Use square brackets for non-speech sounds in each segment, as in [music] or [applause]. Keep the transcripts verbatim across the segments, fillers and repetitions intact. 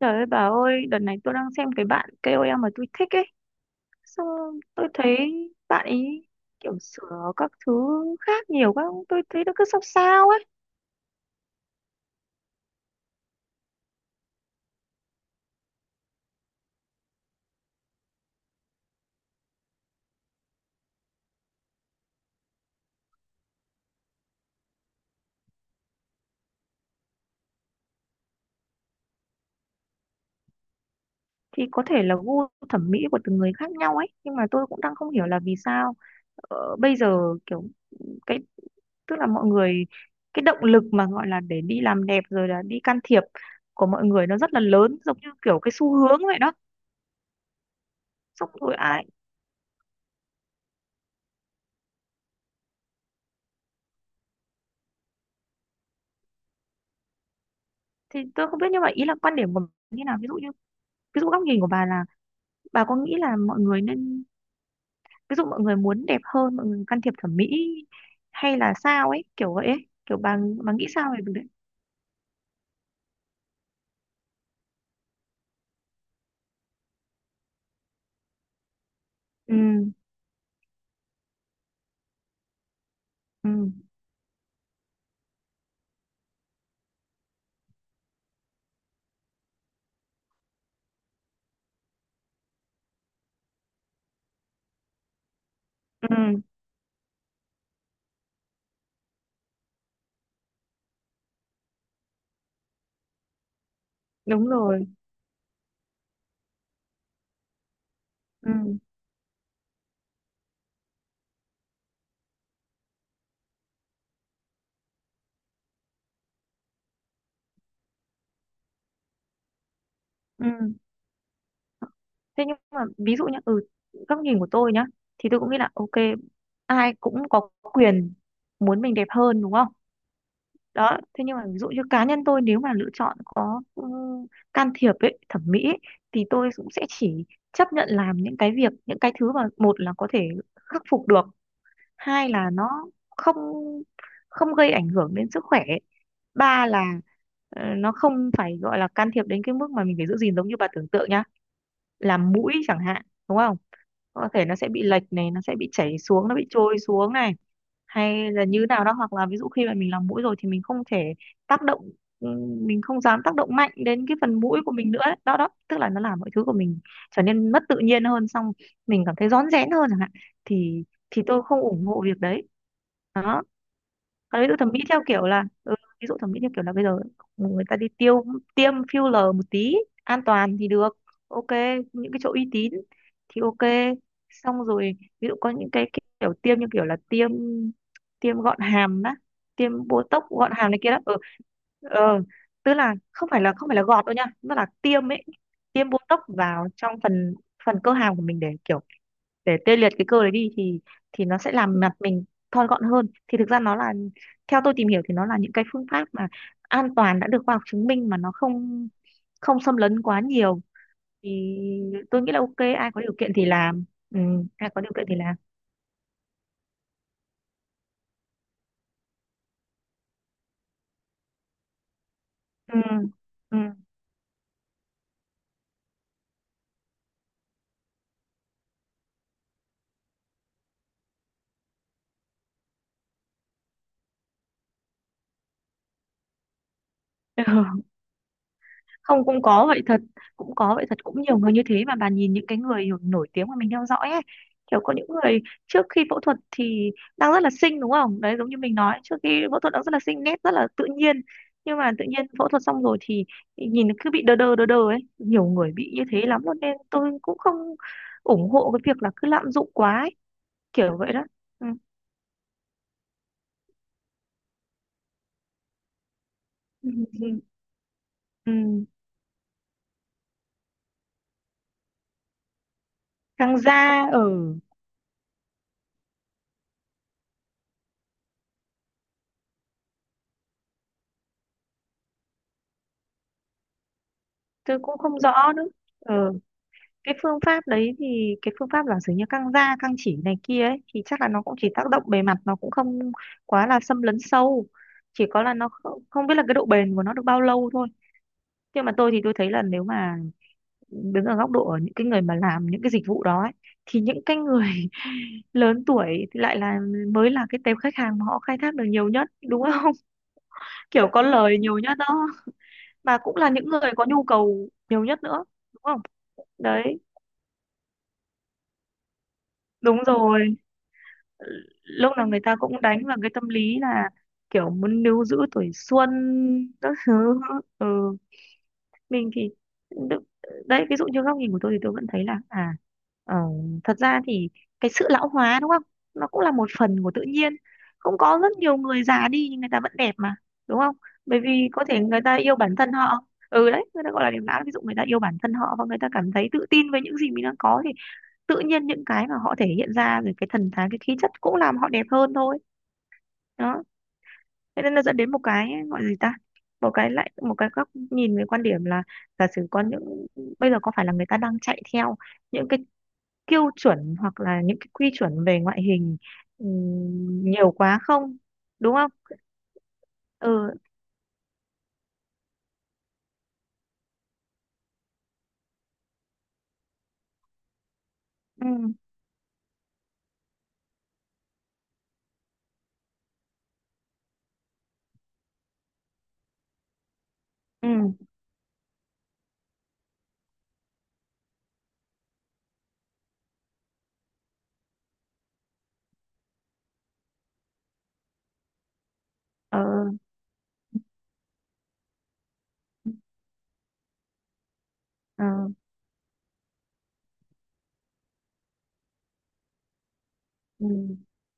Trời ơi bà ơi, đợt này tôi đang xem cái bạn ca o lờ mà tôi thích ấy. Xong tôi thấy bạn ấy kiểu sửa các thứ khác nhiều quá. Tôi thấy nó cứ sao sao ấy. Thì có thể là gu thẩm mỹ của từng người khác nhau ấy. Nhưng mà tôi cũng đang không hiểu là vì sao ờ, bây giờ kiểu cái, tức là mọi người, cái động lực mà gọi là để đi làm đẹp rồi là đi can thiệp của mọi người nó rất là lớn, giống như kiểu cái xu hướng vậy đó. Xong rồi ai thì tôi không biết, nhưng mà ý là quan điểm của bà như nào, ví dụ như ví dụ góc nhìn của bà là, bà có nghĩ là mọi người nên, ví dụ mọi người muốn đẹp hơn, mọi người can thiệp thẩm mỹ hay là sao ấy, kiểu vậy ấy, kiểu bà bà nghĩ sao về việc đấy? Ừ, ừ, ừ, đúng rồi. Ừ, ừ. Thế nhưng mà ví dụ nhá, ừ, góc nhìn của tôi nhá, thì tôi cũng nghĩ là ok, ai cũng có quyền muốn mình đẹp hơn, đúng không? Đó, thế nhưng mà ví dụ như cá nhân tôi, nếu mà lựa chọn có ừ, can thiệp ấy, thẩm mỹ ấy, thì tôi cũng sẽ chỉ chấp nhận làm những cái việc, những cái thứ mà một là có thể khắc phục được, hai là nó không không gây ảnh hưởng đến sức khỏe, ba là ờ, nó không phải gọi là can thiệp đến cái mức mà mình phải giữ gìn, giống như bà tưởng tượng nhá, làm mũi chẳng hạn, đúng không? Có thể nó sẽ bị lệch này, nó sẽ bị chảy xuống, nó bị trôi xuống này, hay là như nào đó. Hoặc là ví dụ khi mà mình làm mũi rồi thì mình không thể tác động, ừ, mình không dám tác động mạnh đến cái phần mũi của mình nữa ấy. Đó đó, tức là nó làm mọi thứ của mình trở nên mất tự nhiên hơn, xong mình cảm thấy rón rén hơn chẳng hạn, thì thì tôi không ủng hộ việc đấy. Đó, còn ví dụ thẩm mỹ theo kiểu là ừ, ví dụ thẩm mỹ theo kiểu là bây giờ người ta đi tiêu tiêm filler một tí, an toàn thì được, ok, những cái chỗ uy tín thì ok. Xong rồi ví dụ có những cái kiểu tiêm, như kiểu là tiêm tiêm gọn hàm đó, tiêm botox gọn hàm này kia đó, ừ, ờ tức là không phải là không phải là gọt đâu nha, nó là tiêm ấy, tiêm botox vào trong phần phần cơ hàm của mình để kiểu, để tê liệt cái cơ đấy đi, thì thì nó sẽ làm mặt mình thon gọn hơn. Thì thực ra nó là, theo tôi tìm hiểu thì nó là những cái phương pháp mà an toàn, đã được khoa học chứng minh, mà nó không không xâm lấn quá nhiều, thì tôi nghĩ là ok, ai có điều kiện thì làm, ừ, ai có điều kiện thì làm. Ừ, ừ. [laughs] Không, cũng có vậy thật, cũng có vậy thật, cũng nhiều người như thế. Mà bà nhìn những cái người nổi nổi tiếng mà mình theo dõi ấy, kiểu có những người trước khi phẫu thuật thì đang rất là xinh, đúng không? Đấy, giống như mình nói, trước khi phẫu thuật đang rất là xinh, nét rất là tự nhiên, nhưng mà tự nhiên phẫu thuật xong rồi thì nhìn cứ bị đờ đờ đờ đờ ấy, nhiều người bị như thế lắm luôn, nên tôi cũng không ủng hộ cái việc là cứ lạm dụng quá ấy. Kiểu vậy đó. Ừ. [laughs] Ừ. Ừ. Căng da ở, ừ. Tôi cũng không rõ nữa. Ừ. Cái phương pháp đấy thì, cái phương pháp là giống như căng da, căng chỉ này kia ấy, thì chắc là nó cũng chỉ tác động bề mặt, nó cũng không quá là xâm lấn sâu, chỉ có là nó không, không biết là cái độ bền của nó được bao lâu thôi. Nhưng mà tôi thì tôi thấy là, nếu mà đứng ở góc độ ở những cái người mà làm những cái dịch vụ đó ấy, thì những cái người [laughs] lớn tuổi thì lại là, mới là cái tệp khách hàng mà họ khai thác được nhiều nhất, đúng không? [laughs] Kiểu có lời nhiều nhất đó, mà cũng là những người có nhu cầu nhiều nhất nữa, đúng không? Đấy. Đúng rồi, lúc nào người ta cũng đánh vào cái tâm lý là kiểu muốn níu giữ tuổi xuân các thứ. Ừ. Mình thì đ- đấy, ví dụ như góc nhìn của tôi thì tôi vẫn thấy là à ờ, thật ra thì cái sự lão hóa, đúng không, nó cũng là một phần của tự nhiên. Cũng có rất nhiều người già đi nhưng người ta vẫn đẹp mà, đúng không? Bởi vì có thể người ta yêu bản thân họ, ừ, đấy người ta gọi là điểm lão, ví dụ người ta yêu bản thân họ và người ta cảm thấy tự tin với những gì mình đang có, thì tự nhiên những cái mà họ thể hiện ra rồi cái thần thái, cái khí chất cũng làm họ đẹp hơn thôi. Đó, thế nên nó dẫn đến một cái gọi là gì ta, một cái lại một cái góc nhìn về quan điểm là, giả sử con những, bây giờ có phải là người ta đang chạy theo những cái tiêu chuẩn hoặc là những cái quy chuẩn về ngoại hình ừm, nhiều quá không, đúng không? Ừ, ừ, ừ, ờ, ờ. Ừ.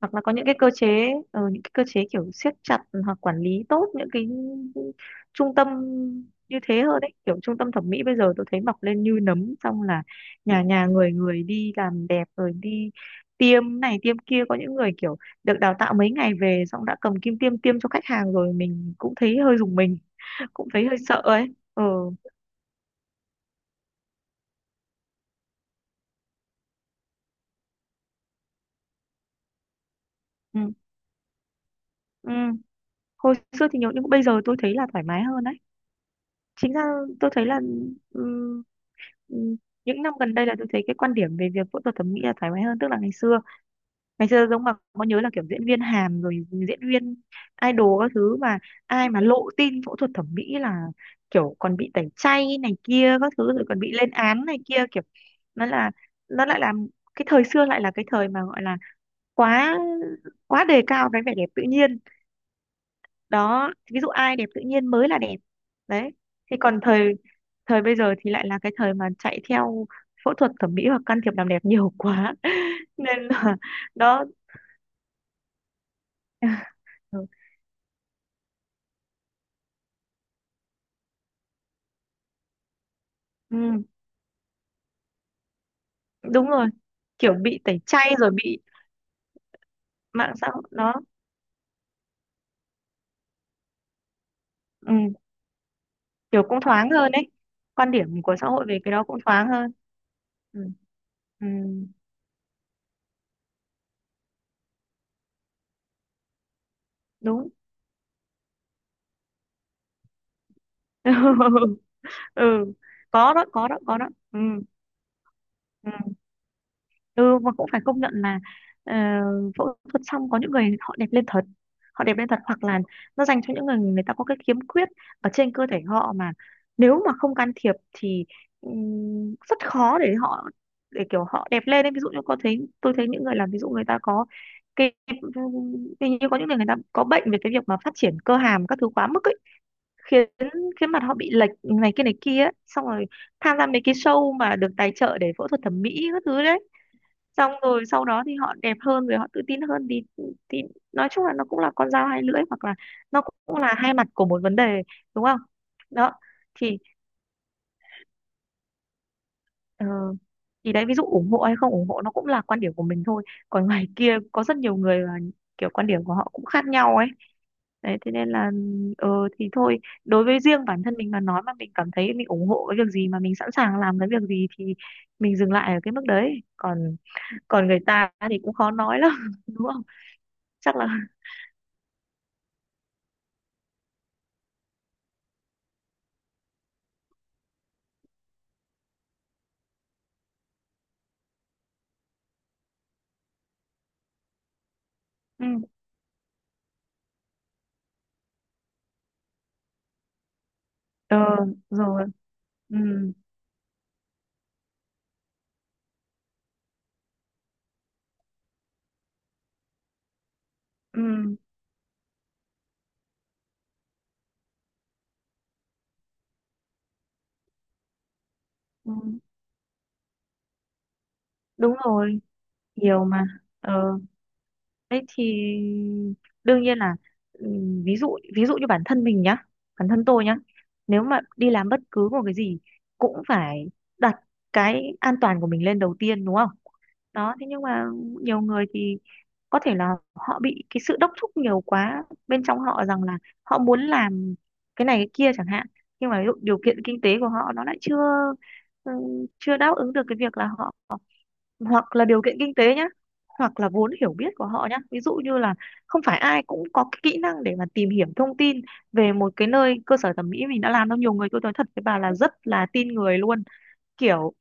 Hoặc là có những cái cơ chế, ờ, những cái cơ chế kiểu siết chặt hoặc quản lý tốt những cái trung tâm như thế hơn đấy, kiểu trung tâm thẩm mỹ bây giờ tôi thấy mọc lên như nấm, xong là nhà nhà người người đi làm đẹp rồi đi tiêm này tiêm kia, có những người kiểu được đào tạo mấy ngày về xong đã cầm kim tiêm tiêm cho khách hàng rồi, mình cũng thấy hơi rùng mình, [laughs] cũng thấy hơi sợ ấy. Ờ. Ừ. Ừ. Hồi xưa thì nhiều nhưng bây giờ tôi thấy là thoải mái hơn đấy, chính ra. Tôi thấy là ừ, ừ, những năm gần đây là tôi thấy cái quan điểm về việc phẫu thuật thẩm mỹ là thoải mái hơn, tức là ngày xưa, ngày xưa giống mà có nhớ là kiểu diễn viên Hàn rồi diễn viên idol các thứ mà ai mà lộ tin phẫu thuật thẩm mỹ là kiểu còn bị tẩy chay này kia các thứ rồi còn bị lên án này kia, kiểu nó là nó lại làm, cái thời xưa lại là cái thời mà gọi là quá quá đề cao cái vẻ đẹp tự nhiên. Đó, ví dụ ai đẹp tự nhiên mới là đẹp. Đấy, thì còn thời thời bây giờ thì lại là cái thời mà chạy theo phẫu thuật thẩm mỹ hoặc can thiệp làm đẹp nhiều quá, [laughs] nên là. Đó. Ừ, ừ, đúng rồi, kiểu bị tẩy chay rồi bị mạng xã hội nó, ừ, kiểu cũng thoáng hơn đấy, quan điểm của xã hội về cái đó cũng thoáng hơn. Ừ, ừ, đúng. [laughs] Ừ, có đó, có đó, có đó. Ừ. Ừ. Ừ, mà cũng phải công nhận là ờ, phẫu thuật xong có những người họ đẹp lên thật, họ đẹp lên thật, hoặc là nó dành cho những người, người ta có cái khiếm khuyết ở trên cơ thể họ mà nếu mà không can thiệp thì, ừm, rất khó để họ để kiểu họ đẹp lên ấy. Ví dụ như có thấy tôi thấy những người làm, ví dụ người ta có cái hình, như có những người, người ta có bệnh về cái việc mà phát triển cơ hàm các thứ quá mức ấy, khiến khiến mặt họ bị lệch này kia này kia ấy. Xong rồi tham gia mấy cái show mà được tài trợ để phẫu thuật thẩm mỹ các thứ đấy, xong rồi sau đó thì họ đẹp hơn, rồi họ tự tin hơn thì thì nói chung là nó cũng là con dao hai lưỡi, hoặc là nó cũng là hai mặt của một vấn đề, đúng không? Đó thì ờ, thì đấy, ví dụ ủng hộ hay không ủng hộ nó cũng là quan điểm của mình thôi. Còn ngoài kia có rất nhiều người là kiểu quan điểm của họ cũng khác nhau ấy. Đấy thế nên là ờ thì thôi, đối với riêng bản thân mình mà nói, mà mình cảm thấy mình ủng hộ cái việc gì mà mình sẵn sàng làm cái việc gì thì mình dừng lại ở cái mức đấy. Còn còn người ta thì cũng khó nói lắm. [laughs] Đúng không? Chắc là ừ. Ờ rồi, ừ, ừ, ừ, đúng rồi, nhiều mà. Ờ. Đấy thì đương nhiên là, ừ, ví dụ ví dụ như bản thân mình nhá, bản thân tôi nhá. Nếu mà đi làm bất cứ một cái gì cũng phải đặt cái an toàn của mình lên đầu tiên, đúng không? Đó, thế nhưng mà nhiều người thì có thể là họ bị cái sự đốc thúc nhiều quá bên trong họ, rằng là họ muốn làm cái này cái kia chẳng hạn. Nhưng mà ví dụ điều kiện kinh tế của họ nó lại chưa, ừ, chưa đáp ứng được cái việc là họ, hoặc là điều kiện kinh tế nhá, hoặc là vốn hiểu biết của họ nhá. Ví dụ như là không phải ai cũng có cái kỹ năng để mà tìm hiểu thông tin về một cái nơi cơ sở thẩm mỹ mình đã làm đâu. Nhiều người tôi nói thật với bà là rất là tin người luôn, kiểu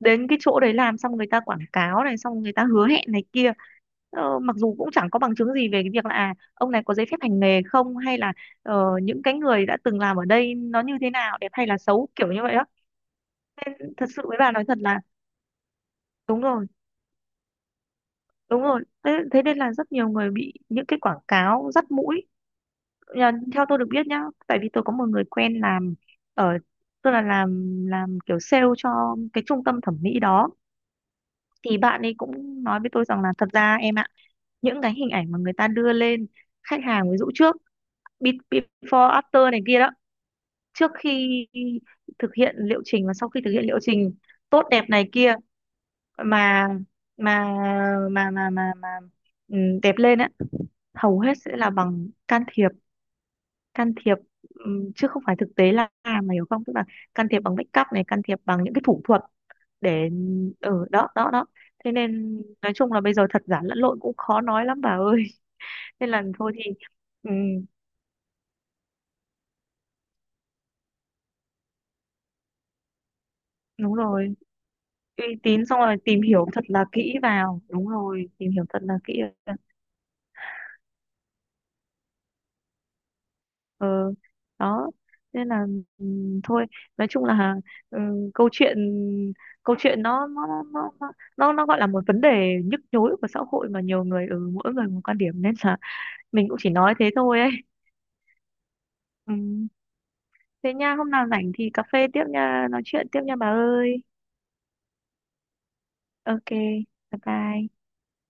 đến cái chỗ đấy làm xong người ta quảng cáo này, xong người ta hứa hẹn này kia. Ờ, mặc dù cũng chẳng có bằng chứng gì về cái việc là à, ông này có giấy phép hành nghề không, hay là ờ, những cái người đã từng làm ở đây nó như thế nào, đẹp hay là xấu, kiểu như vậy đó. Nên thật sự với bà nói thật là đúng rồi, đúng rồi. Thế, thế nên là rất nhiều người bị những cái quảng cáo dắt mũi. Nhờ- theo tôi được biết nhá, tại vì tôi có một người quen làm ở, tức là làm làm kiểu sale cho cái trung tâm thẩm mỹ đó, thì bạn ấy cũng nói với tôi rằng là thật ra em ạ, những cái hình ảnh mà người ta đưa lên khách hàng, ví dụ trước, be- before after này kia đó, trước khi thực hiện liệu trình và sau khi thực hiện liệu trình tốt đẹp này kia, mà mà mà mà mà, mà ừ, đẹp lên á, hầu hết sẽ là bằng can thiệp, can thiệp, ừm, chứ không phải thực tế. Là à, mày hiểu không, tức là can thiệp bằng make up này, can thiệp bằng những cái thủ thuật để ở, ừ, đó đó đó. Thế nên nói chung là bây giờ thật giả lẫn lộn, cũng khó nói lắm bà ơi. [laughs] Nên là thôi thì ừm, đúng rồi, uy tín, xong rồi tìm hiểu thật là kỹ vào, đúng rồi, tìm hiểu thật là kỹ. Ờ, đó, nên là ừm, thôi, nói chung là, ừ, câu chuyện câu chuyện nó nó nó nó nó nó nó gọi là một vấn đề nhức nhối của xã hội, mà nhiều người ở mỗi người một quan điểm, nên là mình cũng chỉ nói thế thôi ấy. Ừ. Thế nha, hôm nào rảnh thì cà phê tiếp nha, nói chuyện tiếp nha bà ơi. Ok, bye bye.